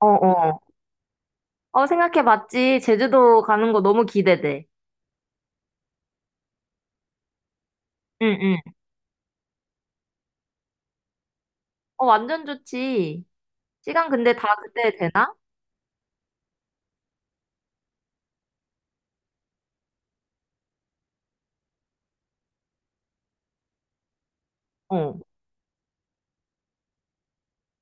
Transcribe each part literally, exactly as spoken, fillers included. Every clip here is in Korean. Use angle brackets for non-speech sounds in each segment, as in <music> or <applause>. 어, 어. 어, 생각해봤지. 제주도 가는 거 너무 기대돼. 응, 응. 어, 완전 좋지. 시간 근데 다 그때 되나? 어.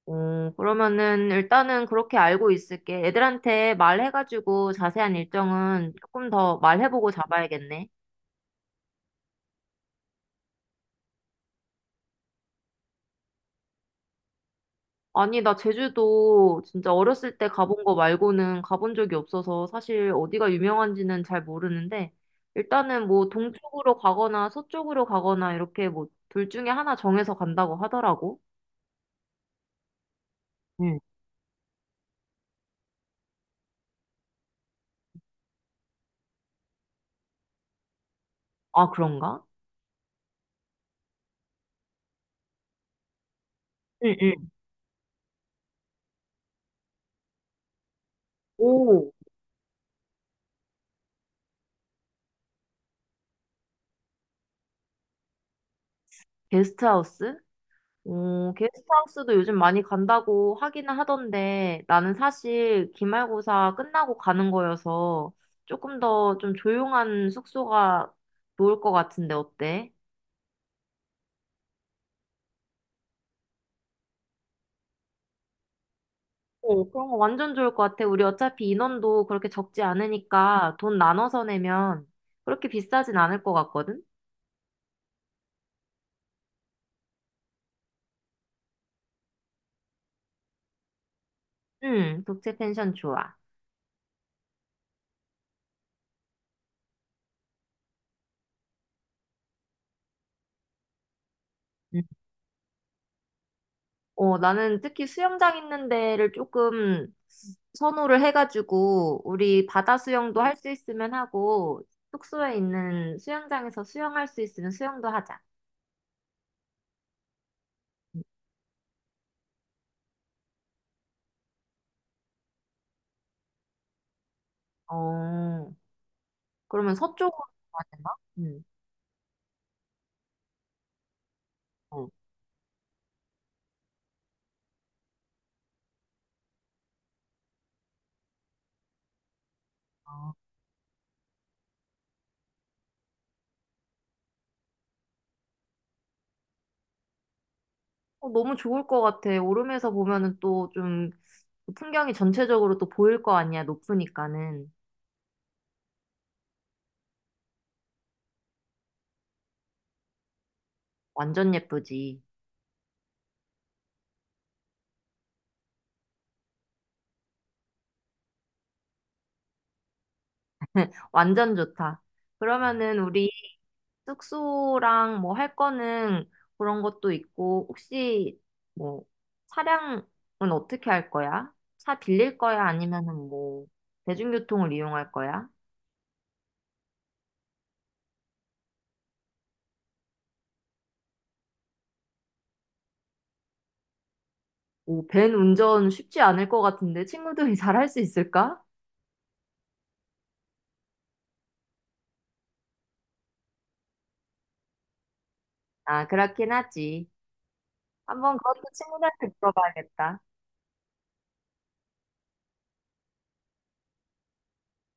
어, 그러면은 일단은 그렇게 알고 있을게. 애들한테 말해가지고 자세한 일정은 조금 더 말해보고 잡아야겠네. 아니, 나 제주도 진짜 어렸을 때 가본 거 말고는 가본 적이 없어서 사실 어디가 유명한지는 잘 모르는데 일단은 뭐 동쪽으로 가거나 서쪽으로 가거나 이렇게 뭐 둘 중에 하나 정해서 간다고 하더라고. 응. 아, 그런가? 응응. 오, 게스트하우스? 오, 게스트하우스도 요즘 많이 간다고 하기는 하던데 나는 사실 기말고사 끝나고 가는 거여서 조금 더 좀 조용한 숙소가 좋을 것 같은데 어때? 오 그런 거 완전 좋을 것 같아. 우리 어차피 인원도 그렇게 적지 않으니까 돈 나눠서 내면 그렇게 비싸진 않을 것 같거든? 응, 독채 펜션 좋아. 어, 나는 특히 수영장 있는 데를 조금 선호를 해가지고, 우리 바다 수영도 할 수 있으면 하고, 숙소에 있는 수영장에서 수영할 수 있으면 수영도 하자. 어, 그러면 서쪽으로 가야 되나? 응. 어. 아. 어, 너무 좋을 것 같아. 오름에서 보면은 또 좀 풍경이 전체적으로 또 보일 거 아니야, 높으니까는. 완전 예쁘지. 완전 좋다. 그러면은 우리 숙소랑 뭐 할 거는 그런 것도 있고, 혹시 뭐 차량은 어떻게 할 거야? 차 빌릴 거야? 아니면은 뭐 대중교통을 이용할 거야? 오, 밴 운전 쉽지 않을 것 같은데 친구들이 <laughs> 잘 할 수 있을까? 아, 그렇긴 하지. 한번 그것도 친구들한테 물어봐야겠다.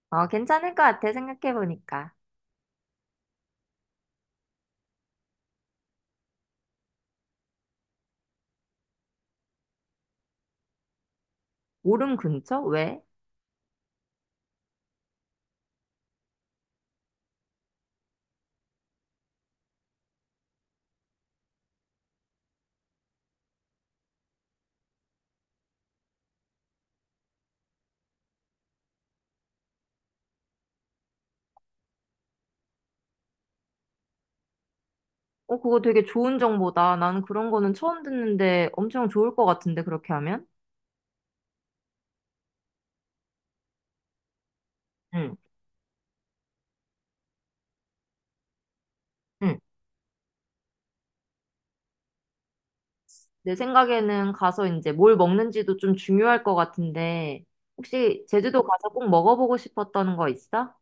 어, 괜찮을 것 같아, 생각해보니까. 오름 근처? 왜? 어, 그거 되게 좋은 정보다. 나는 그런 거는 처음 듣는데 엄청 좋을 것 같은데, 그렇게 하면? 응. 응. 내 생각에는 가서 이제 뭘 먹는지도 좀 중요할 것 같은데, 혹시 제주도 가서 꼭 먹어보고 싶었던 거 있어?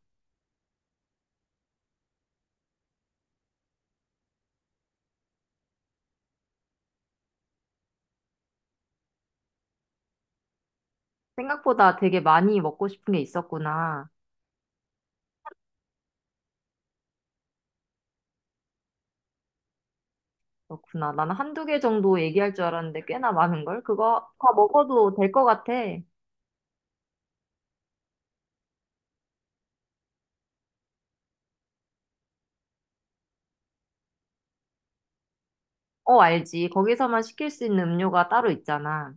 생각보다 되게 많이 먹고 싶은 게 있었구나. 그렇구나. 나는 한두 개 정도 얘기할 줄 알았는데 꽤나 많은걸? 그거 다 먹어도 될 것 같아. 어, 알지. 거기서만 시킬 수 있는 음료가 따로 있잖아.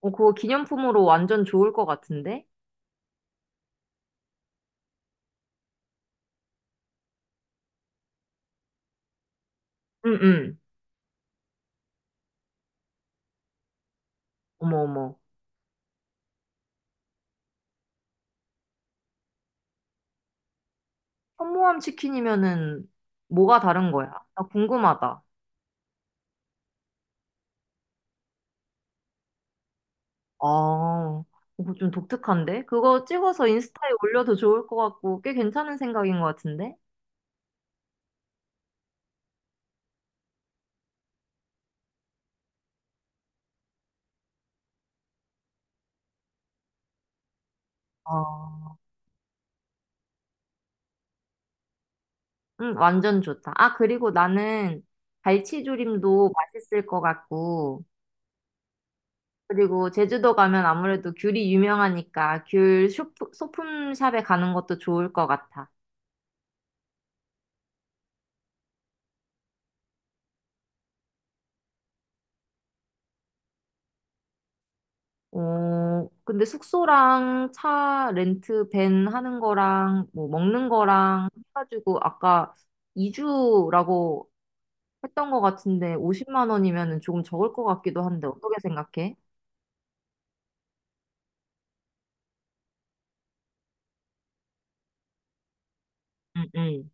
어, 그거 기념품으로 완전 좋을 것 같은데? 응, 응. 어머, 어머. 현모암 치킨이면은 뭐가 다른 거야? 나 궁금하다. 아, 이거 좀 독특한데? 그거 찍어서 인스타에 올려도 좋을 것 같고, 꽤 괜찮은 생각인 것 같은데? 어, 응, 완전 좋다. 아, 그리고 나는 갈치조림도 맛있을 것 같고, 그리고 제주도 가면 아무래도 귤이 유명하니까 귤 쇼프- 소품샵에 가는 것도 좋을 것 같아. 어, 근데 숙소랑 차 렌트 밴 하는 거랑 뭐 먹는 거랑 해가지고 아까 이주라고 했던 것 같은데 오십만 원이면 조금 적을 것 같기도 한데 어떻게 생각해? 응, 응.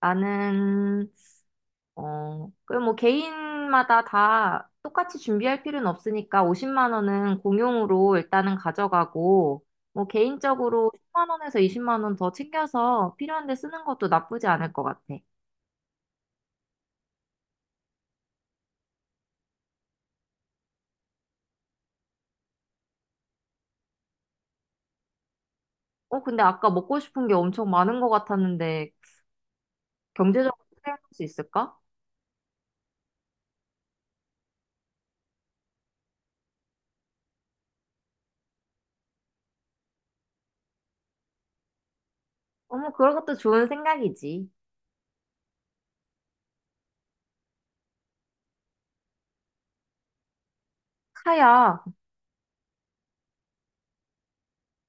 나는 어, 그 뭐 개인마다 다 똑같이 준비할 필요는 없으니까 오십만 원은 공용으로 일단은 가져가고 뭐 개인적으로 십만 원에서 이십만 원 더 챙겨서 필요한 데 쓰는 것도 나쁘지 않을 것 같아. 어, 근데 아까 먹고 싶은 게 엄청 많은 것 같았는데 경제적으로 생각할 수 있을까? 어머, 그런 것도 좋은 생각이지. 카약.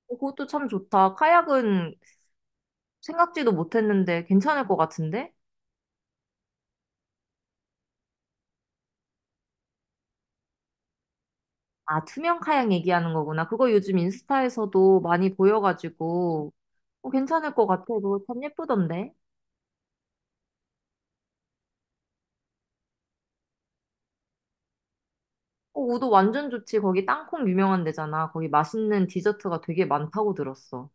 어, 그것도 참 좋다. 카약은 생각지도 못했는데 괜찮을 것 같은데? 아, 투명 카약 얘기하는 거구나. 그거 요즘 인스타에서도 많이 보여가지고 어, 괜찮을 것 같아. 그거 참 예쁘던데. 어, 우도 완전 좋지. 거기 땅콩 유명한 데잖아. 거기 맛있는 디저트가 되게 많다고 들었어.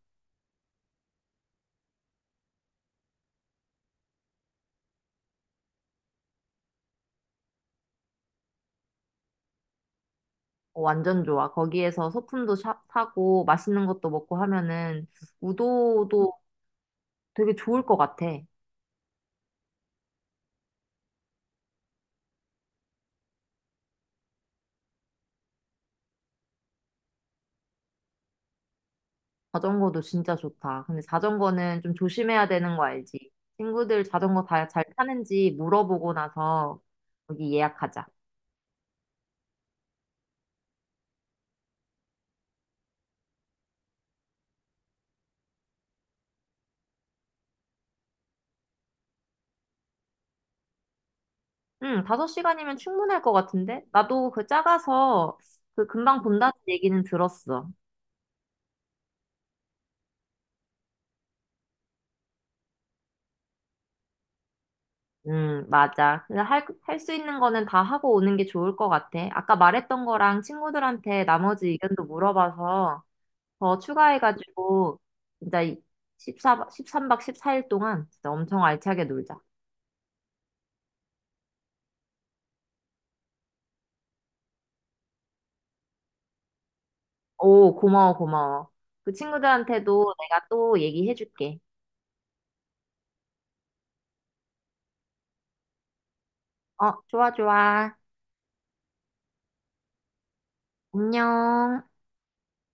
어, 완전 좋아. 거기에서 소품도 사, 사고 맛있는 것도 먹고 하면은 우도도 되게 좋을 것 같아. 자전거도 진짜 좋다. 근데 자전거는 좀 조심해야 되는 거 알지? 친구들 자전거 다 잘 타는지 물어보고 나서 여기 예약하자. 응, 다섯 시간이면 충분할 것 같은데? 나도 그 작아서 그 금방 본다는 얘기는 들었어. 응, 맞아. 근데 할, 할 수 있는 거는 다 하고 오는 게 좋을 것 같아. 아까 말했던 거랑 친구들한테 나머지 의견도 물어봐서 더 추가해가지고 진짜 십사, 십삼 박 십사 일 동안 진짜 엄청 알차게 놀자. 오, 고마워, 고마워. 그 친구들한테도 내가 또 얘기해줄게. 어, 좋아, 좋아. 안녕.